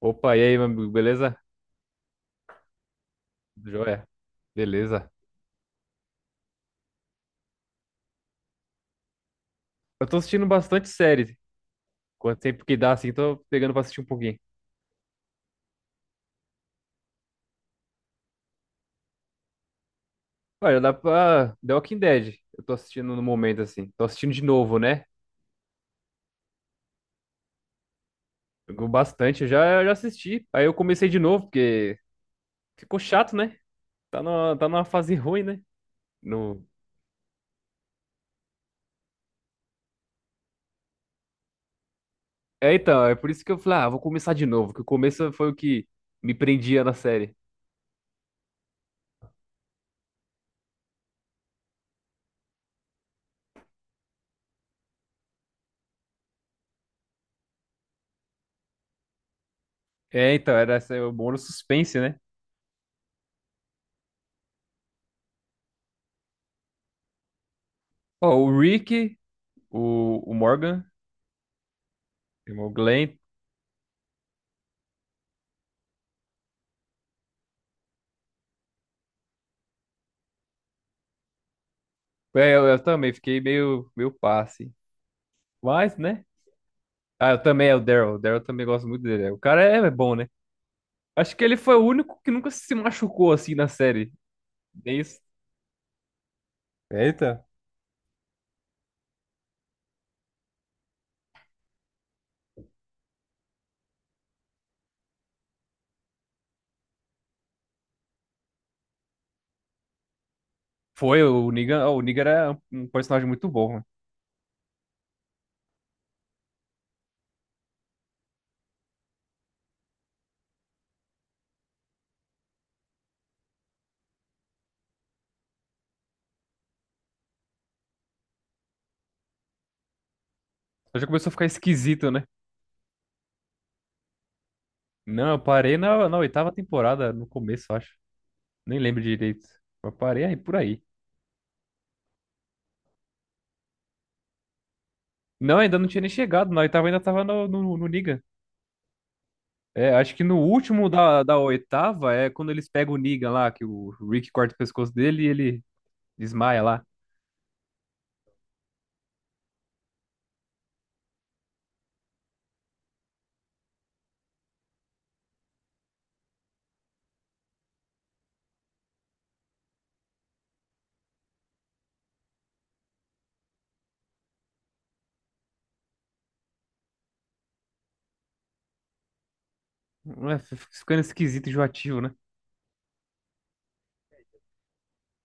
Opa, e aí, meu amigo, beleza? Joia. Beleza. Eu tô assistindo bastante série. Quanto tempo que dá, assim, tô pegando pra assistir um pouquinho. Olha, dá pra... The Walking Dead. Eu tô assistindo no momento, assim. Tô assistindo de novo, né? Jogou bastante, eu já assisti. Aí eu comecei de novo, porque ficou chato, né? Tá numa fase ruim, né? No... É, então, é por isso que eu falei, ah, vou começar de novo, que o começo foi o que me prendia na série. É, então, era essa- o bom no suspense, né? Ó, o Rick, o Morgan, o Glenn. É, eu também fiquei meio, meio passe. Mas, né? Ah, eu também, é o Daryl. O Daryl também gosto muito dele. O cara é, é bom, né? Acho que ele foi o único que nunca se machucou assim na série. É isso. Eita. Foi, o Negan era um personagem muito bom, né? Só já começou a ficar esquisito, né? Não, eu parei na, na oitava temporada, no começo, eu acho. Nem lembro direito. Eu parei aí por aí. Não, ainda não tinha nem chegado. Na oitava ainda tava no, no, no Negan. É, acho que no último da, da oitava é quando eles pegam o Negan lá, que o Rick corta o pescoço dele e ele desmaia lá. É, fica ficando esquisito e enjoativo, né?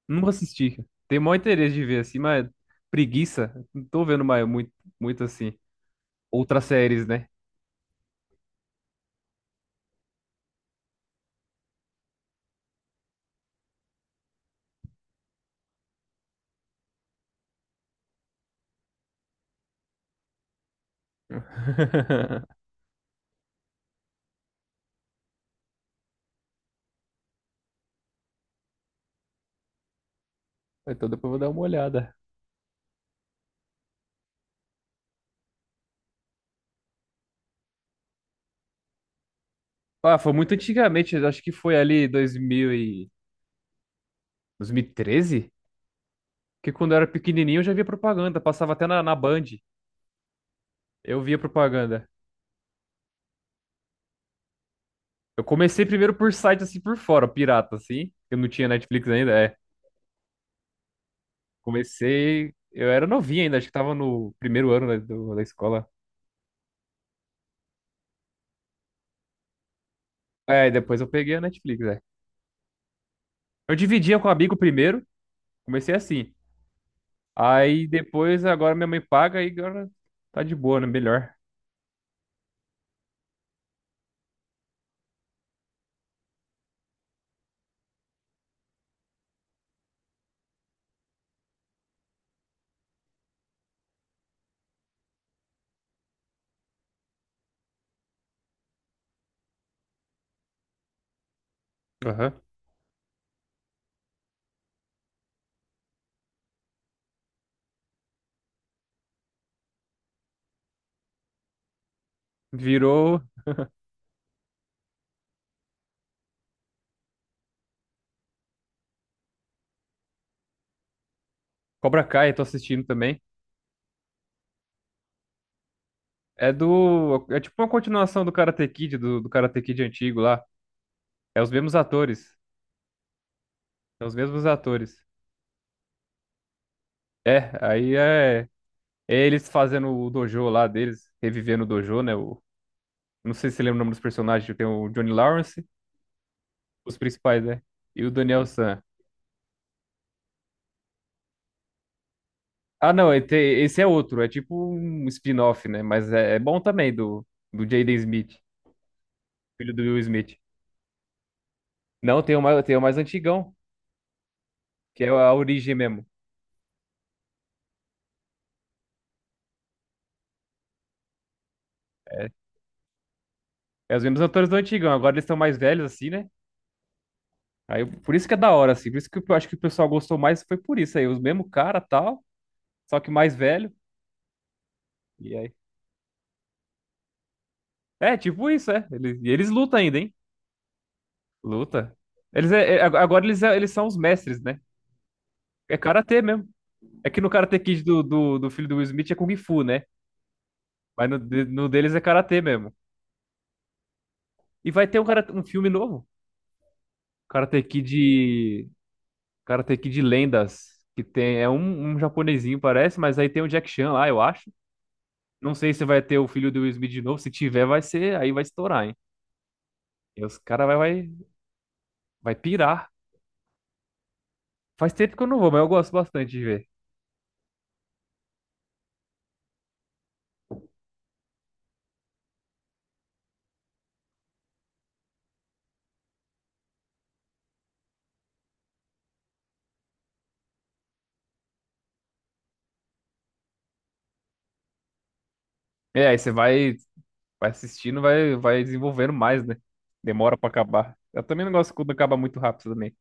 Não assisti, cara. Tenho maior interesse de ver assim, mas preguiça. Não tô vendo mais muito, muito assim. Outras séries, né? Então depois eu vou dar uma olhada. Ah, foi muito antigamente, eu acho que foi ali 2013, que quando eu era pequenininho eu já via propaganda, passava até na, na Band. Eu via propaganda. Eu comecei primeiro por site assim por fora, pirata assim. Eu não tinha Netflix ainda, é. Comecei, eu era novinho ainda, acho que tava no primeiro ano, né, do- da escola. É, e depois eu peguei a Netflix, é. Eu dividia com um amigo primeiro, comecei assim. Aí depois agora minha mãe paga e agora tá de boa, né? Melhor. Aham. Virou Cobra Kai, tô assistindo também. É do. É tipo uma continuação do Karate Kid, do, do Karate Kid antigo lá. É os mesmos atores. É os mesmos atores. É, aí é. É, eles fazendo o dojo lá deles, revivendo o dojo, né? O, não sei se você lembra o nome dos personagens, tem o Johnny Lawrence, os principais, né? E o Daniel San. Ah, não, e tem- esse é outro, é tipo um spin-off, né? Mas é, é bom também, do, do Jaden Smith, filho do Will Smith. Não, tem o mais antigão, que é a origem mesmo. É, é os mesmos atores do antigão, agora eles estão mais velhos, assim, né? Aí, por isso que é da hora, assim, por isso que eu acho que o pessoal gostou mais, foi por isso aí, os mesmo cara, tal, só que mais velho. E aí, é, tipo isso, é. Eles, e eles lutam ainda, hein? Luta. Eles é, é, ag- agora eles, é- eles são os mestres, né? É karatê mesmo. É que no Karate Kid do, do, do filho do Will Smith é Kung Fu, né? Mas no, de- no deles é karatê mesmo. E vai ter um, karate- um filme novo. Karate Kid. Karate Kid Lendas. Que tem. É um, um japonesinho, parece, mas aí tem o Jack Chan lá, eu acho. Não sei se vai ter o filho do Will Smith de novo. Se tiver, vai ser. Aí vai estourar, hein? E os caras vai, vai pirar. Faz tempo que eu não vou, mas eu gosto bastante de ver. É, aí você vai. Vai assistindo, vai, vai desenvolvendo mais, né? Demora pra acabar. Eu também não gosto quando acaba muito rápido também.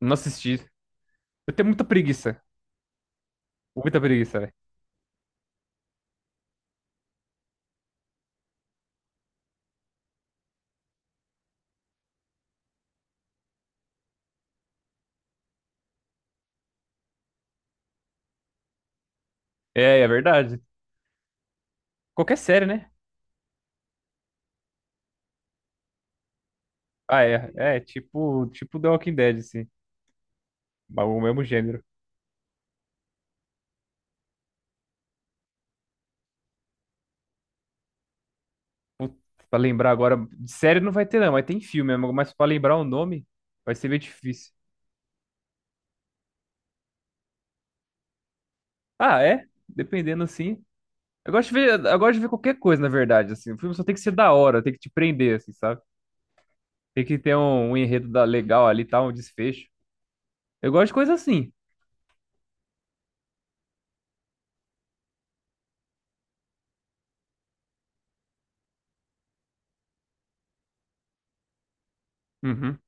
Não assisti. Eu tenho muita preguiça. Muita preguiça, velho. É, é verdade. Qualquer série, né? Ah, é. É, tipo, tipo The Walking Dead, assim. O mesmo gênero. Putz, pra lembrar agora. De série não vai ter, não, mas tem filme mesmo. Mas pra lembrar o nome, vai ser meio difícil. Ah, é? Dependendo, assim. Eu gosto de ver, eu gosto de ver qualquer coisa, na verdade, assim. O filme só tem que ser da hora, tem que te prender, assim, sabe? Tem que ter um, um enredo da- legal ali, tá? Um desfecho. Eu gosto de coisa assim. Uhum.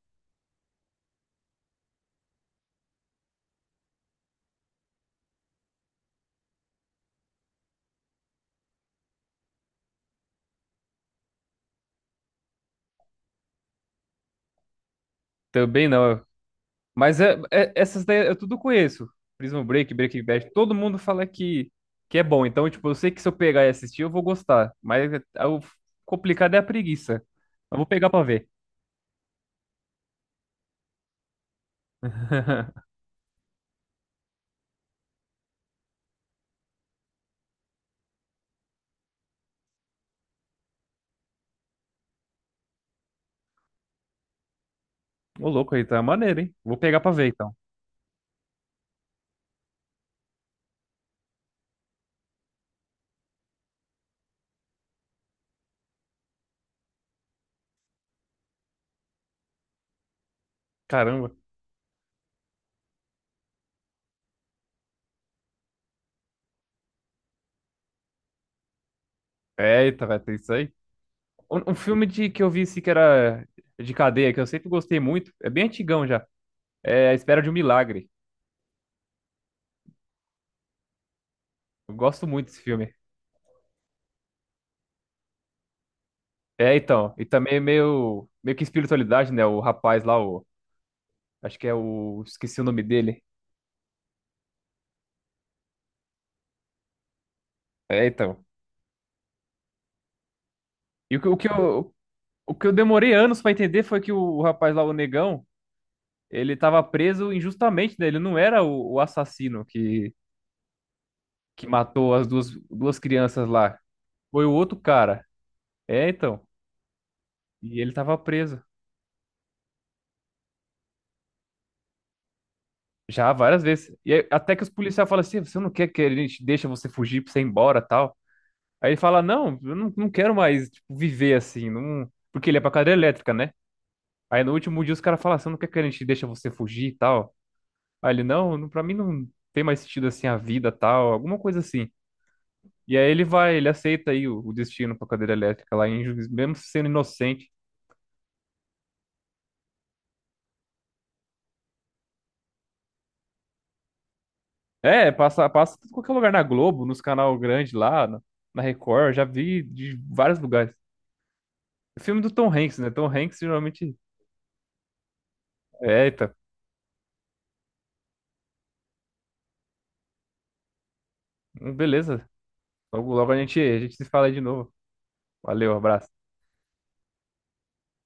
Também não. Mas é, é- essas daí eu tudo conheço. Prison Break, Breaking Bad, todo mundo fala que é bom. Então, tipo, eu sei que se eu pegar e assistir, eu vou gostar. Mas é- é o complicado é a preguiça. Eu vou pegar pra ver. Ô, louco, então é maneiro, hein? Vou pegar pra ver, então. Caramba. Eita, vai ter isso aí. Um filme de, que eu vi, assim, que era de cadeia, que eu sempre gostei muito. É bem antigão já. É A Espera de um Milagre. Eu gosto muito desse filme. É, então. E também é meio, meio que espiritualidade, né? O rapaz lá, o, acho que é o. Esqueci o nome dele. É, então. E o que eu demorei anos pra entender foi que o rapaz lá, o negão, ele tava preso injustamente, né? Ele não era o assassino que matou as duas, duas crianças lá. Foi o outro cara. É, então. E ele tava preso. Já várias vezes. E aí, até que os policiais falam assim: você não quer que a gente deixa você fugir pra você ir embora tal? Aí ele fala, não, eu não, não quero mais, tipo, viver assim, não... porque ele é pra cadeira elétrica, né? Aí no último dia os caras falam, você não quer que a gente deixa você fugir e tal? Aí ele, não, não, pra mim não tem mais sentido assim a vida tal, alguma coisa assim. E aí ele vai, ele aceita aí o destino pra cadeira elétrica lá, em Juiz- mesmo sendo inocente. É, passa, passa em qualquer lugar na Globo, nos canal grande lá, na, na Record, já vi de vários lugares. O filme do Tom Hanks, né? Tom Hanks geralmente... É, eita, beleza, logo, logo a gente se fala aí de novo. Valeu, abraço.